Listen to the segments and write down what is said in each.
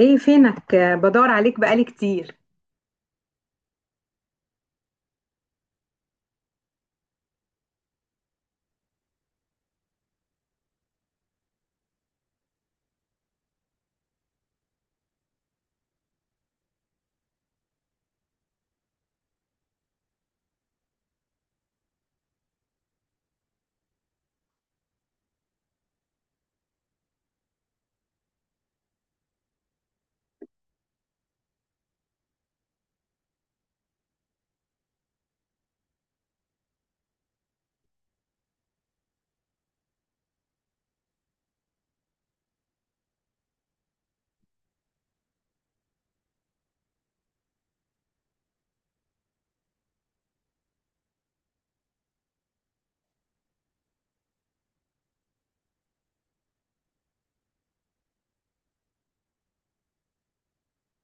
ايه فينك، بدور عليك بقالي كتير.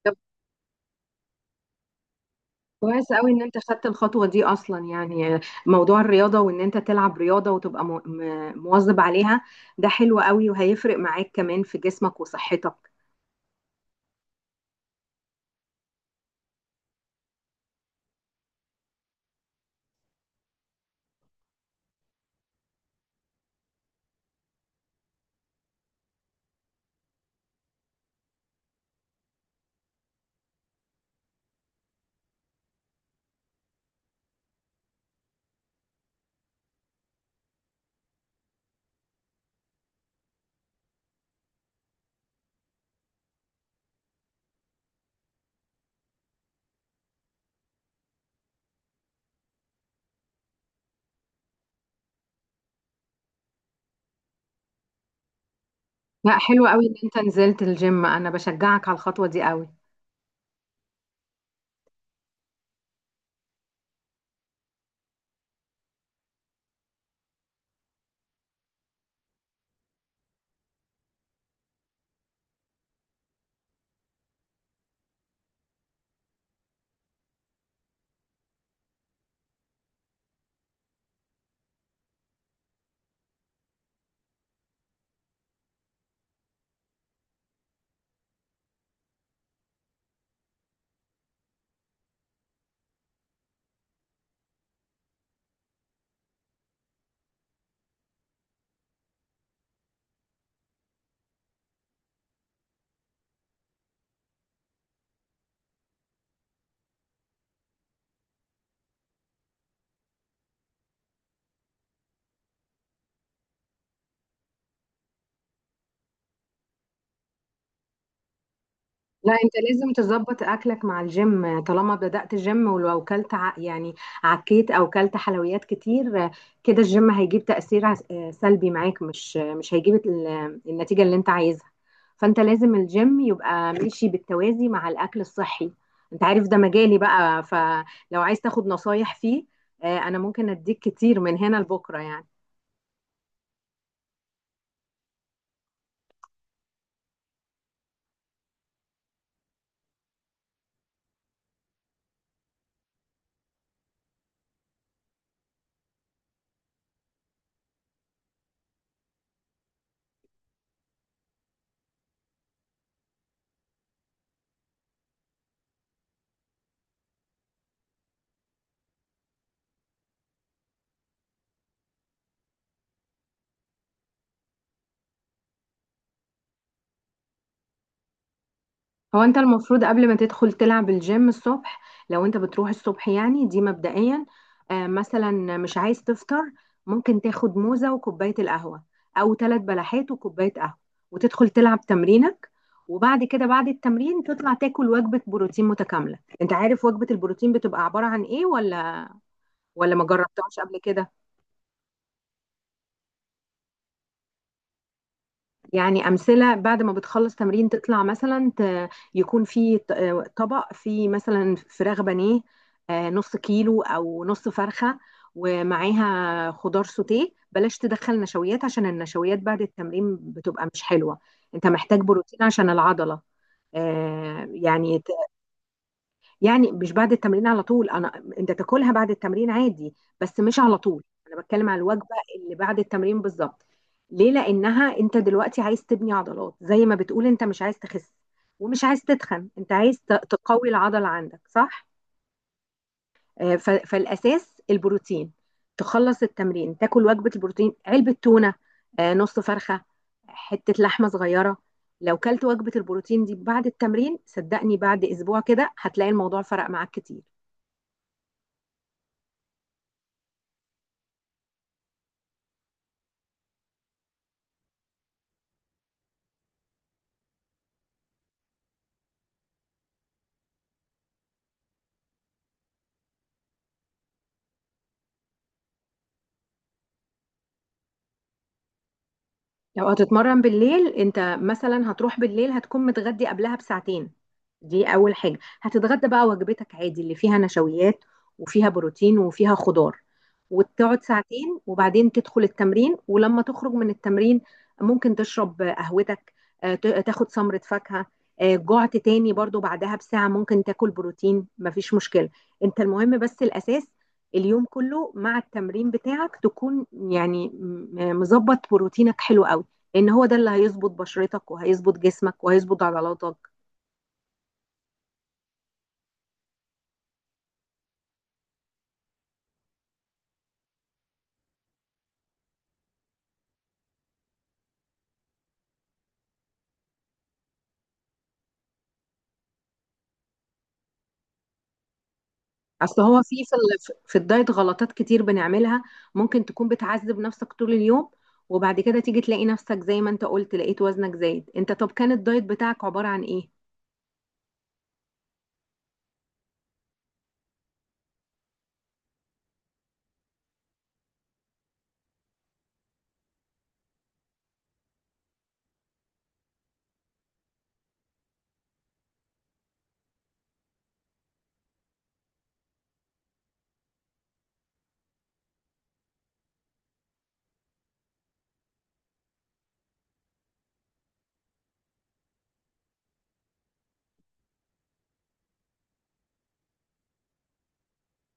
طب، كويس قوي ان انت خدت الخطوه دي اصلا يعني. موضوع الرياضه وان انت تلعب رياضه وتبقى مواظب عليها، ده حلو قوي وهيفرق معاك كمان في جسمك وصحتك. لا، حلو قوي ان انت نزلت الجيم. انا بشجعك على الخطوه دي قوي. لا، انت لازم تظبط اكلك مع الجيم. طالما بدأت جيم، ولو كلت يعني عكيت او كلت حلويات كتير، كده الجيم هيجيب تأثير سلبي معاك، مش هيجيب النتيجه اللي انت عايزها. فانت لازم الجيم يبقى ماشي بالتوازي مع الاكل الصحي. انت عارف ده مجالي بقى، فلو عايز تاخد نصايح فيه، انا ممكن اديك كتير من هنا لبكره يعني. هو انت المفروض قبل ما تدخل تلعب الجيم الصبح، لو انت بتروح الصبح يعني، دي مبدئيا. مثلا مش عايز تفطر، ممكن تاخد موزة وكوباية القهوة، او ثلاث بلحات وكوباية قهوة، وتدخل تلعب تمرينك، وبعد كده بعد التمرين تطلع تاكل وجبة بروتين متكاملة. انت عارف وجبة البروتين بتبقى عبارة عن ايه؟ ولا ما جربتهاش قبل كده؟ يعني أمثلة، بعد ما بتخلص تمرين تطلع مثلا، يكون في طبق فيه مثلا فراخ بانيه، نص كيلو أو نص فرخة، ومعاها خضار سوتيه. بلاش تدخل نشويات، عشان النشويات بعد التمرين بتبقى مش حلوة. أنت محتاج بروتين عشان العضلة. يعني، يعني مش بعد التمرين على طول. انا انت تاكلها بعد التمرين عادي، بس مش على طول. انا بتكلم على الوجبه اللي بعد التمرين بالظبط. ليه؟ لانها انت دلوقتي عايز تبني عضلات زي ما بتقول، انت مش عايز تخس ومش عايز تتخن، انت عايز تقوي العضله عندك، صح؟ فالاساس البروتين. تخلص التمرين تاكل وجبه البروتين: علبه تونه، نص فرخه، حته لحمه صغيره. لو كلت وجبه البروتين دي بعد التمرين، صدقني بعد اسبوع كده هتلاقي الموضوع فرق معاك كتير. لو هتتمرن بالليل، انت مثلا هتروح بالليل، هتكون متغدي قبلها بساعتين. دي اول حاجة. هتتغدى بقى وجبتك عادي اللي فيها نشويات وفيها بروتين وفيها خضار، وتقعد ساعتين، وبعدين تدخل التمرين. ولما تخرج من التمرين، ممكن تشرب قهوتك، تاخد سمرة فاكهة. جعت تاني برضو بعدها بساعة، ممكن تاكل بروتين، مفيش مشكلة. انت المهم بس الاساس، اليوم كله مع التمرين بتاعك تكون يعني مظبط بروتينك حلو قوي، لان هو ده اللي هيظبط بشرتك، وهيظبط جسمك، وهيظبط عضلاتك. اصل هو في الدايت غلطات كتير بنعملها. ممكن تكون بتعذب نفسك طول اليوم، وبعد كده تيجي تلاقي نفسك زي ما انت قلت، لقيت وزنك زايد. انت طب كان الدايت بتاعك عبارة عن ايه؟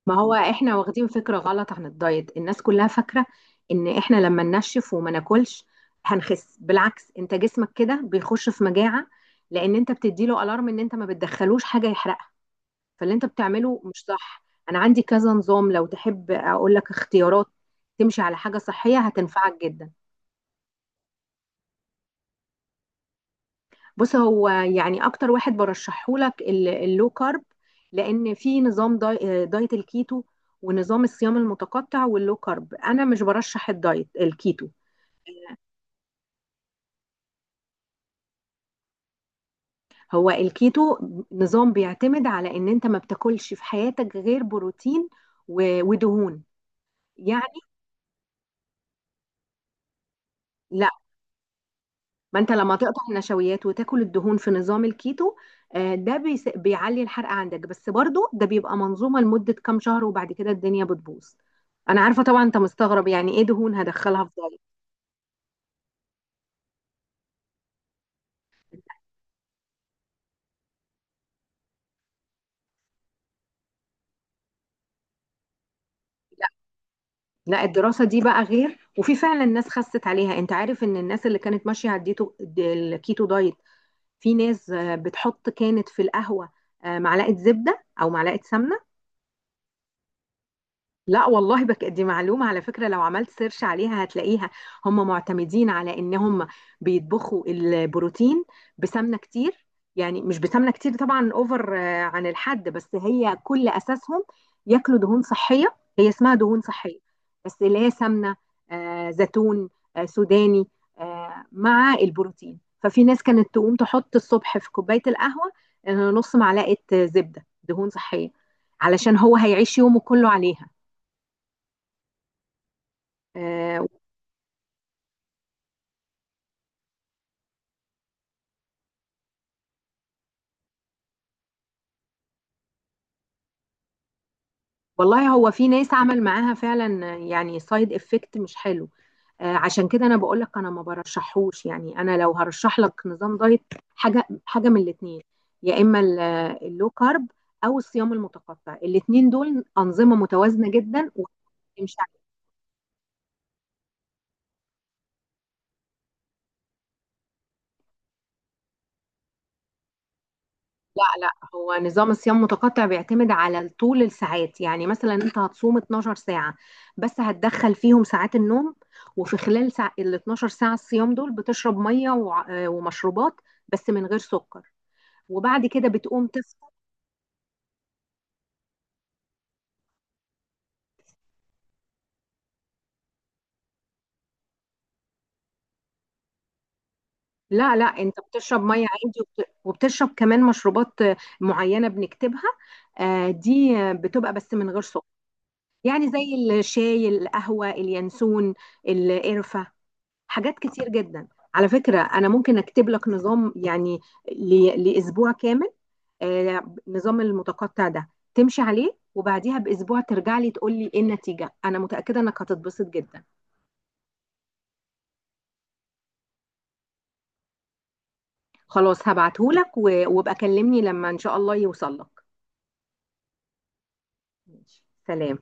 ما هو احنا واخدين فكرة غلط عن الدايت. الناس كلها فاكرة ان احنا لما ننشف وما ناكلش هنخس. بالعكس، انت جسمك كده بيخش في مجاعة، لان انت بتديله الارم ان انت ما بتدخلوش حاجة يحرقها. فاللي انت بتعمله مش صح. انا عندي كذا نظام، لو تحب اقول لك اختيارات تمشي على حاجة صحية هتنفعك جدا. بص، هو يعني اكتر واحد برشحه لك اللو كارب، لان في نظام دايت الكيتو، ونظام الصيام المتقطع، واللو كارب. انا مش برشح الدايت الكيتو. هو الكيتو نظام بيعتمد على ان انت ما بتاكلش في حياتك غير بروتين ودهون. يعني لا، ما انت لما تقطع النشويات وتاكل الدهون في نظام الكيتو، آه، ده بيس- بيعلي الحرق عندك. بس برضو ده بيبقى منظومة لمدة كام شهر، وبعد كده الدنيا بتبوظ. انا عارفة طبعا انت مستغرب يعني ايه دهون هدخلها في دايت. لا، الدراسة دي بقى غير، وفي فعلا ناس خست عليها. انت عارف ان الناس اللي كانت ماشية على الكيتو دايت، في ناس بتحط كانت في القهوة معلقة زبدة او معلقة سمنة. لا والله، بك دي معلومة على فكرة. لو عملت سيرش عليها هتلاقيها. هم معتمدين على ان هم بيطبخوا البروتين بسمنة كتير. يعني مش بسمنة كتير طبعا، اوفر عن الحد، بس هي كل اساسهم ياكلوا دهون صحية. هي اسمها دهون صحية، بس اللي هي سمنة، زيتون، سوداني، مع البروتين. ففي ناس كانت تقوم تحط الصبح في كوباية القهوة نص معلقة زبدة دهون صحية، علشان هو هيعيش يومه كله عليها. آه والله، هو في ناس عمل معاها فعلا يعني سايد افكت مش حلو. عشان كده انا بقول لك، انا ما برشحهوش. يعني انا لو هرشح لك نظام دايت، حاجه حاجه من الاثنين: يا اما اللو كارب، او الصيام المتقطع. الاثنين دول انظمه متوازنه جدا وتمشي. لا، لا، هو نظام الصيام متقطع بيعتمد على طول الساعات. يعني مثلا انت هتصوم 12 ساعة، بس هتدخل فيهم ساعات النوم. وفي خلال ساعة ال 12 ساعة الصيام دول بتشرب مية ومشروبات، بس من غير سكر. وبعد كده بتقوم تفطر. لا، لا، انت بتشرب مية عادي، وبتشرب كمان مشروبات معينة بنكتبها. دي بتبقى بس من غير سكر. يعني زي الشاي، القهوة، اليانسون، القرفة، حاجات كتير جدا. على فكرة، أنا ممكن أكتب لك نظام يعني لأسبوع كامل، آه، نظام المتقطع ده، تمشي عليه، وبعديها بأسبوع ترجع لي تقول لي إيه النتيجة. أنا متأكدة إنك هتتبسط جدا. خلاص، هبعته لك، وابقى كلمني لما إن شاء الله يوصل لك. ماشي. سلام.